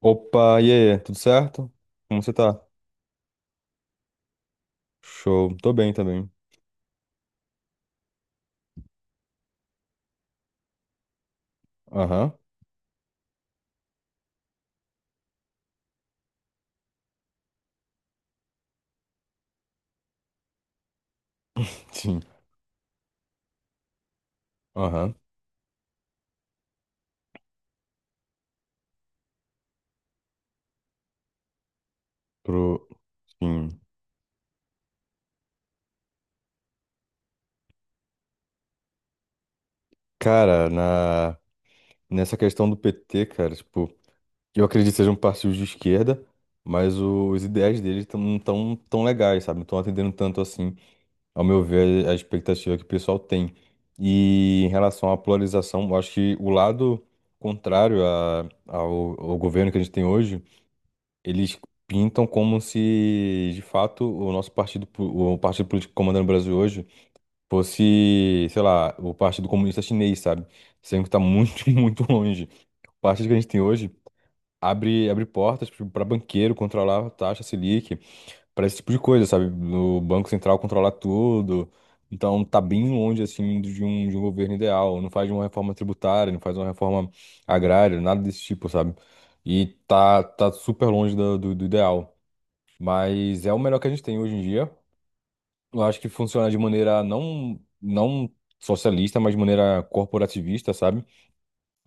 Opa, e aí, tudo certo? Como você tá? Show, tô bem também. Aham, sim, aham, pro, sim. Cara, nessa questão do PT, cara, tipo, eu acredito que sejam partidos de esquerda, mas os ideais deles não tão tão legais, sabe? Não estão atendendo tanto assim, ao meu ver, a expectativa que o pessoal tem. E em relação à polarização, eu acho que o lado contrário ao governo que a gente tem hoje. Eles pintam como se, de fato, o nosso partido, o partido político comandando o Brasil hoje fosse, sei lá, o Partido Comunista Chinês, sabe? Sendo que tá muito, muito longe. O partido que a gente tem hoje abre portas para banqueiro controlar a taxa Selic, para esse tipo de coisa, sabe? O Banco Central controlar tudo. Então tá bem longe, assim, de um governo ideal. Não faz uma reforma tributária, não faz uma reforma agrária, nada desse tipo, sabe? E tá super longe do ideal. Mas é o melhor que a gente tem hoje em dia. Eu acho que funciona de maneira não socialista, mas de maneira corporativista, sabe?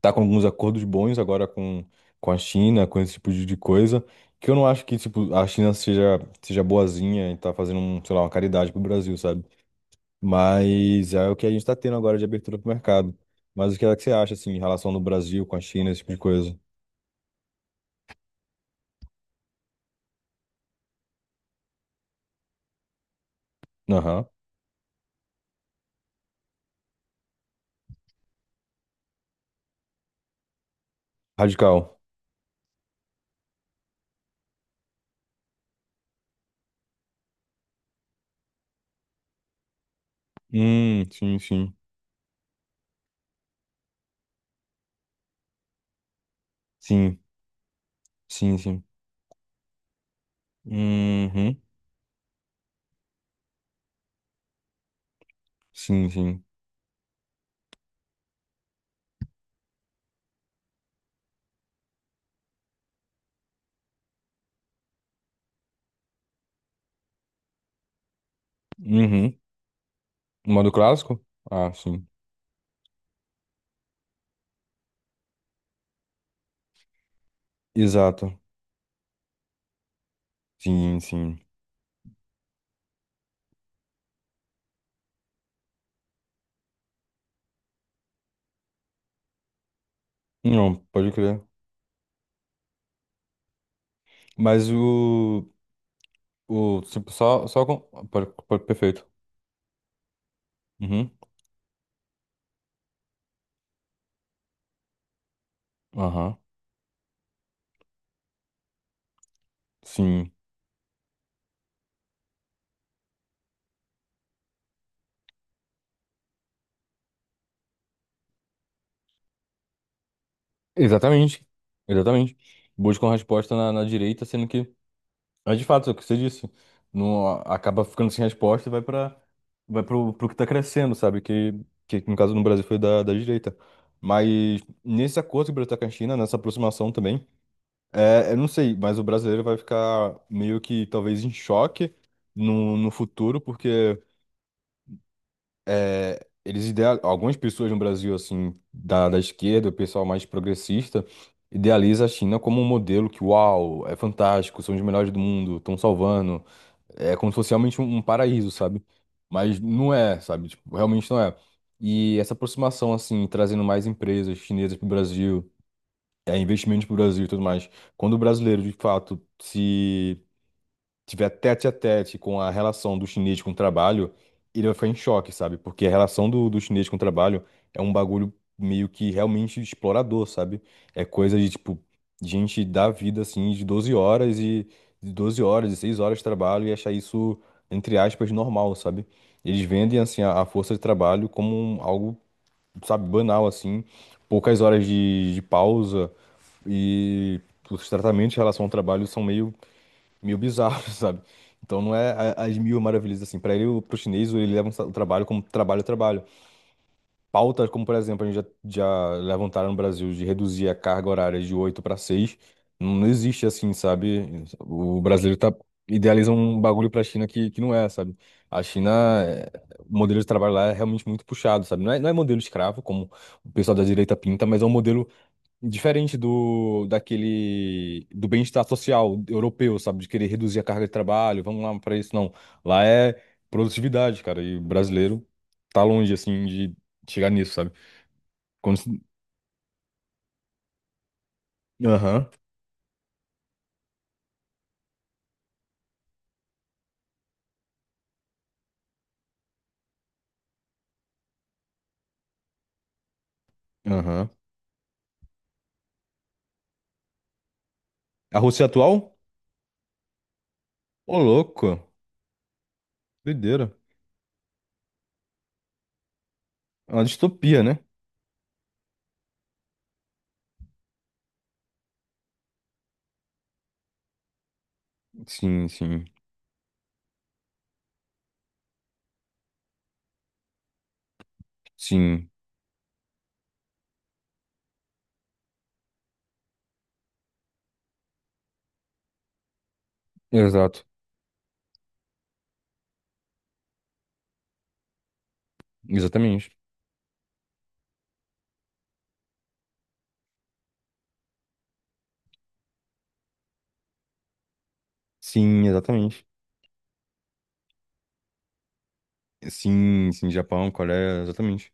Tá com alguns acordos bons agora com a China, com esse tipo de coisa. Que eu não acho que, tipo, a China seja boazinha e tá fazendo, sei lá, uma caridade pro Brasil, sabe? Mas é o que a gente tá tendo agora de abertura pro mercado. Mas o que é que você acha, assim, em relação do Brasil com a China, esse tipo de coisa? Aham. Radical. Sim, sim. Sim, sim, sim. Uhum. Sim, sim. Uhum. Um modo clássico? Ah, sim. Exato. Sim, sim. Não, pode crer. Mas o. O. Tipo, só. Só com... perfeito. Uhum. Aham. Sim. Exatamente. Exatamente. Buscam resposta na direita, sendo que. Mas de fato, é o que você disse. Não, acaba ficando sem resposta e vai pra. Vai pro que tá crescendo, sabe? Que no caso no Brasil foi da direita. Mas nesse acordo que o Brasil tá com a China, nessa aproximação também. É, eu não sei, mas o brasileiro vai ficar meio que talvez em choque no futuro, porque eles ideal, algumas pessoas no Brasil, assim, da esquerda, o pessoal mais progressista, idealiza a China como um modelo que, uau, é fantástico, são os melhores do mundo, estão salvando, é como se fosse realmente um paraíso, sabe? Mas não é, sabe? Tipo, realmente não é. E essa aproximação, assim, trazendo mais empresas chinesas para o Brasil investimentos para o Brasil e tudo mais. Quando o brasileiro, de fato, se tiver tete a tete com a relação do chinês com o trabalho, ele vai ficar em choque, sabe? Porque a relação do chinês com o trabalho é um bagulho meio que realmente explorador, sabe? É coisa de, tipo, gente dar vida, assim, de 12 horas e de 12 horas, de 6 horas de trabalho e achar isso, entre aspas, normal, sabe? Eles vendem, assim, a força de trabalho como algo, sabe, banal, assim, poucas horas de pausa e os tratamentos em relação ao trabalho são meio bizarros, sabe? Então não é as mil maravilhas assim. Para ele, pro chinês, ele leva o trabalho como trabalho, trabalho. Pautas como, por exemplo, a gente já levantaram no Brasil de reduzir a carga horária de 8 para 6. Não, não existe assim, sabe? O brasileiro idealiza um bagulho para a China que não é, sabe? A China, é- o modelo de trabalho lá é realmente muito puxado, sabe? Não é, não é modelo escravo, como o pessoal da direita pinta, mas é um modelo diferente do daquele do bem-estar social europeu, sabe? De querer reduzir a carga de trabalho, vamos lá para isso, não. Lá é produtividade, cara, e o brasileiro tá longe assim de chegar nisso, sabe? Quando... Aham, aham. A Rússia atual? Ô, louco, doideira. É uma distopia, né? Sim, sim, sim. Exato, exatamente. Sim, exatamente. Sim, sim, Japão, Coreia, exatamente.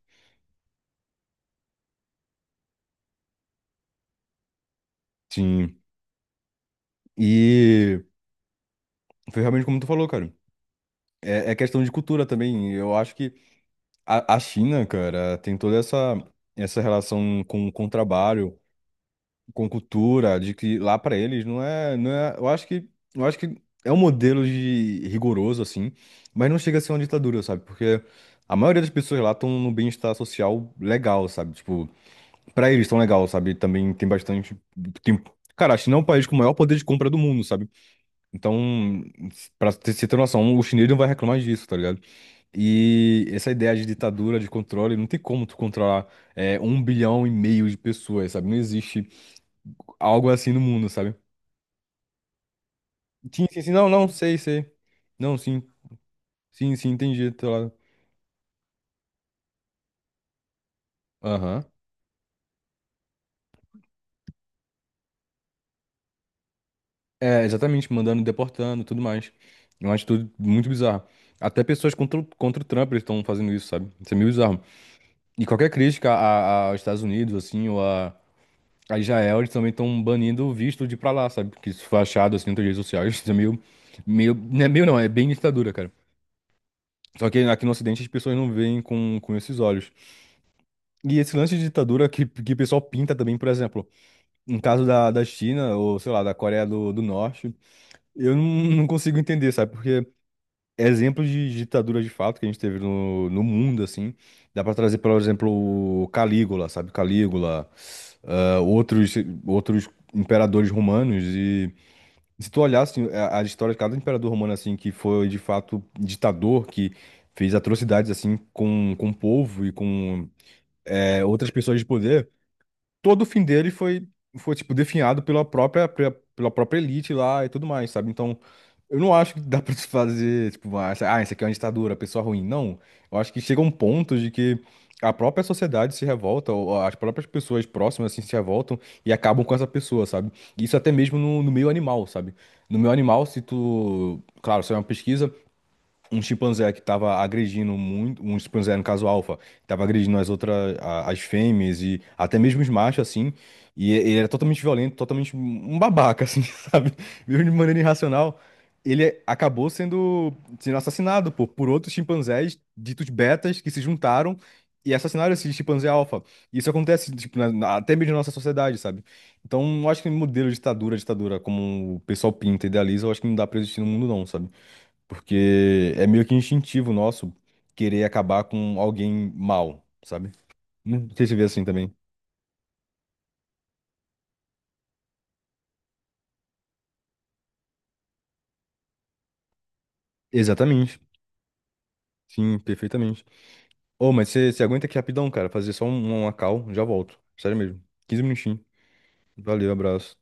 Sim. E foi realmente como tu falou, cara. É questão de cultura também. Eu acho que a China, cara, tem toda essa relação com trabalho, com cultura, de que lá para eles não é, não é. Eu acho que é um modelo de rigoroso assim, mas não chega a ser uma ditadura, sabe? Porque a maioria das pessoas lá estão no bem-estar social legal, sabe? Tipo, para eles estão legal, sabe? Também tem bastante tempo. Cara, a China é um país com o maior poder de compra do mundo, sabe? Então, pra você ter noção, o chinês não vai reclamar disso, tá ligado? E essa ideia de ditadura, de controle, não tem como tu controlar 1,5 bilhão de pessoas, sabe? Não existe algo assim no mundo, sabe? Sim, sim, sim, não, não, sei, sei. Não, sim, sim, sim, entendi, tô lá. Aham. É, exatamente, mandando, deportando, tudo mais. É uma atitude muito bizarra. Até pessoas contra, contra o Trump estão fazendo isso, sabe? Isso é meio bizarro. E qualquer crítica aos Estados Unidos, assim, ou a Israel, eles também estão banindo o visto de ir pra lá, sabe? Porque isso foi achado assim nas redes sociais, isso é meio, não é meio não, é bem ditadura, cara. Só que aqui no Ocidente as pessoas não veem com esses olhos. E esse lance de ditadura que o pessoal pinta também, por exemplo, no caso da China, ou sei lá, da Coreia do Norte, eu não consigo entender, sabe? Porque exemplos de ditadura de fato que a gente teve no mundo, assim, dá pra trazer, por exemplo, o Calígula, sabe? Calígula, ah, outros, outros imperadores romanos. E se tu olhar assim, a história de cada imperador romano assim que foi de fato ditador, que fez atrocidades assim com o povo e com outras pessoas de poder, todo o fim dele foi tipo, definhado pela própria elite lá e tudo mais, sabe? Então, eu não acho que dá pra se fazer, tipo, ah, isso aqui é uma ditadura, pessoa ruim. Não. Eu acho que chega um ponto de que a própria sociedade se revolta, ou as próprias pessoas próximas, assim, se revoltam e acabam com essa pessoa, sabe? Isso até mesmo no meio animal, sabe? No meio animal, se tu... Claro, isso é uma pesquisa, um chimpanzé que estava agredindo muito, um chimpanzé no caso alfa, estava agredindo as outras, as fêmeas e até mesmo os machos, assim, e ele era totalmente violento, totalmente um babaca, assim, sabe? Viu de maneira irracional. Ele acabou sendo assassinado, por outros chimpanzés ditos betas que se juntaram e assassinaram esse chimpanzé alfa. Isso acontece, tipo, até mesmo na nossa sociedade, sabe? Então, eu acho que modelo de ditadura, ditadura, como o pessoal pinta e idealiza, eu acho que não dá pra existir no mundo, não, sabe? Porque é meio que instintivo nosso querer acabar com alguém mal, sabe? Não sei se você vê assim também. Exatamente. Sim, perfeitamente. Ô, mas você aguenta aqui rapidão, cara. Fazer só uma call, já volto. Sério mesmo. 15 minutinhos. Valeu, abraço.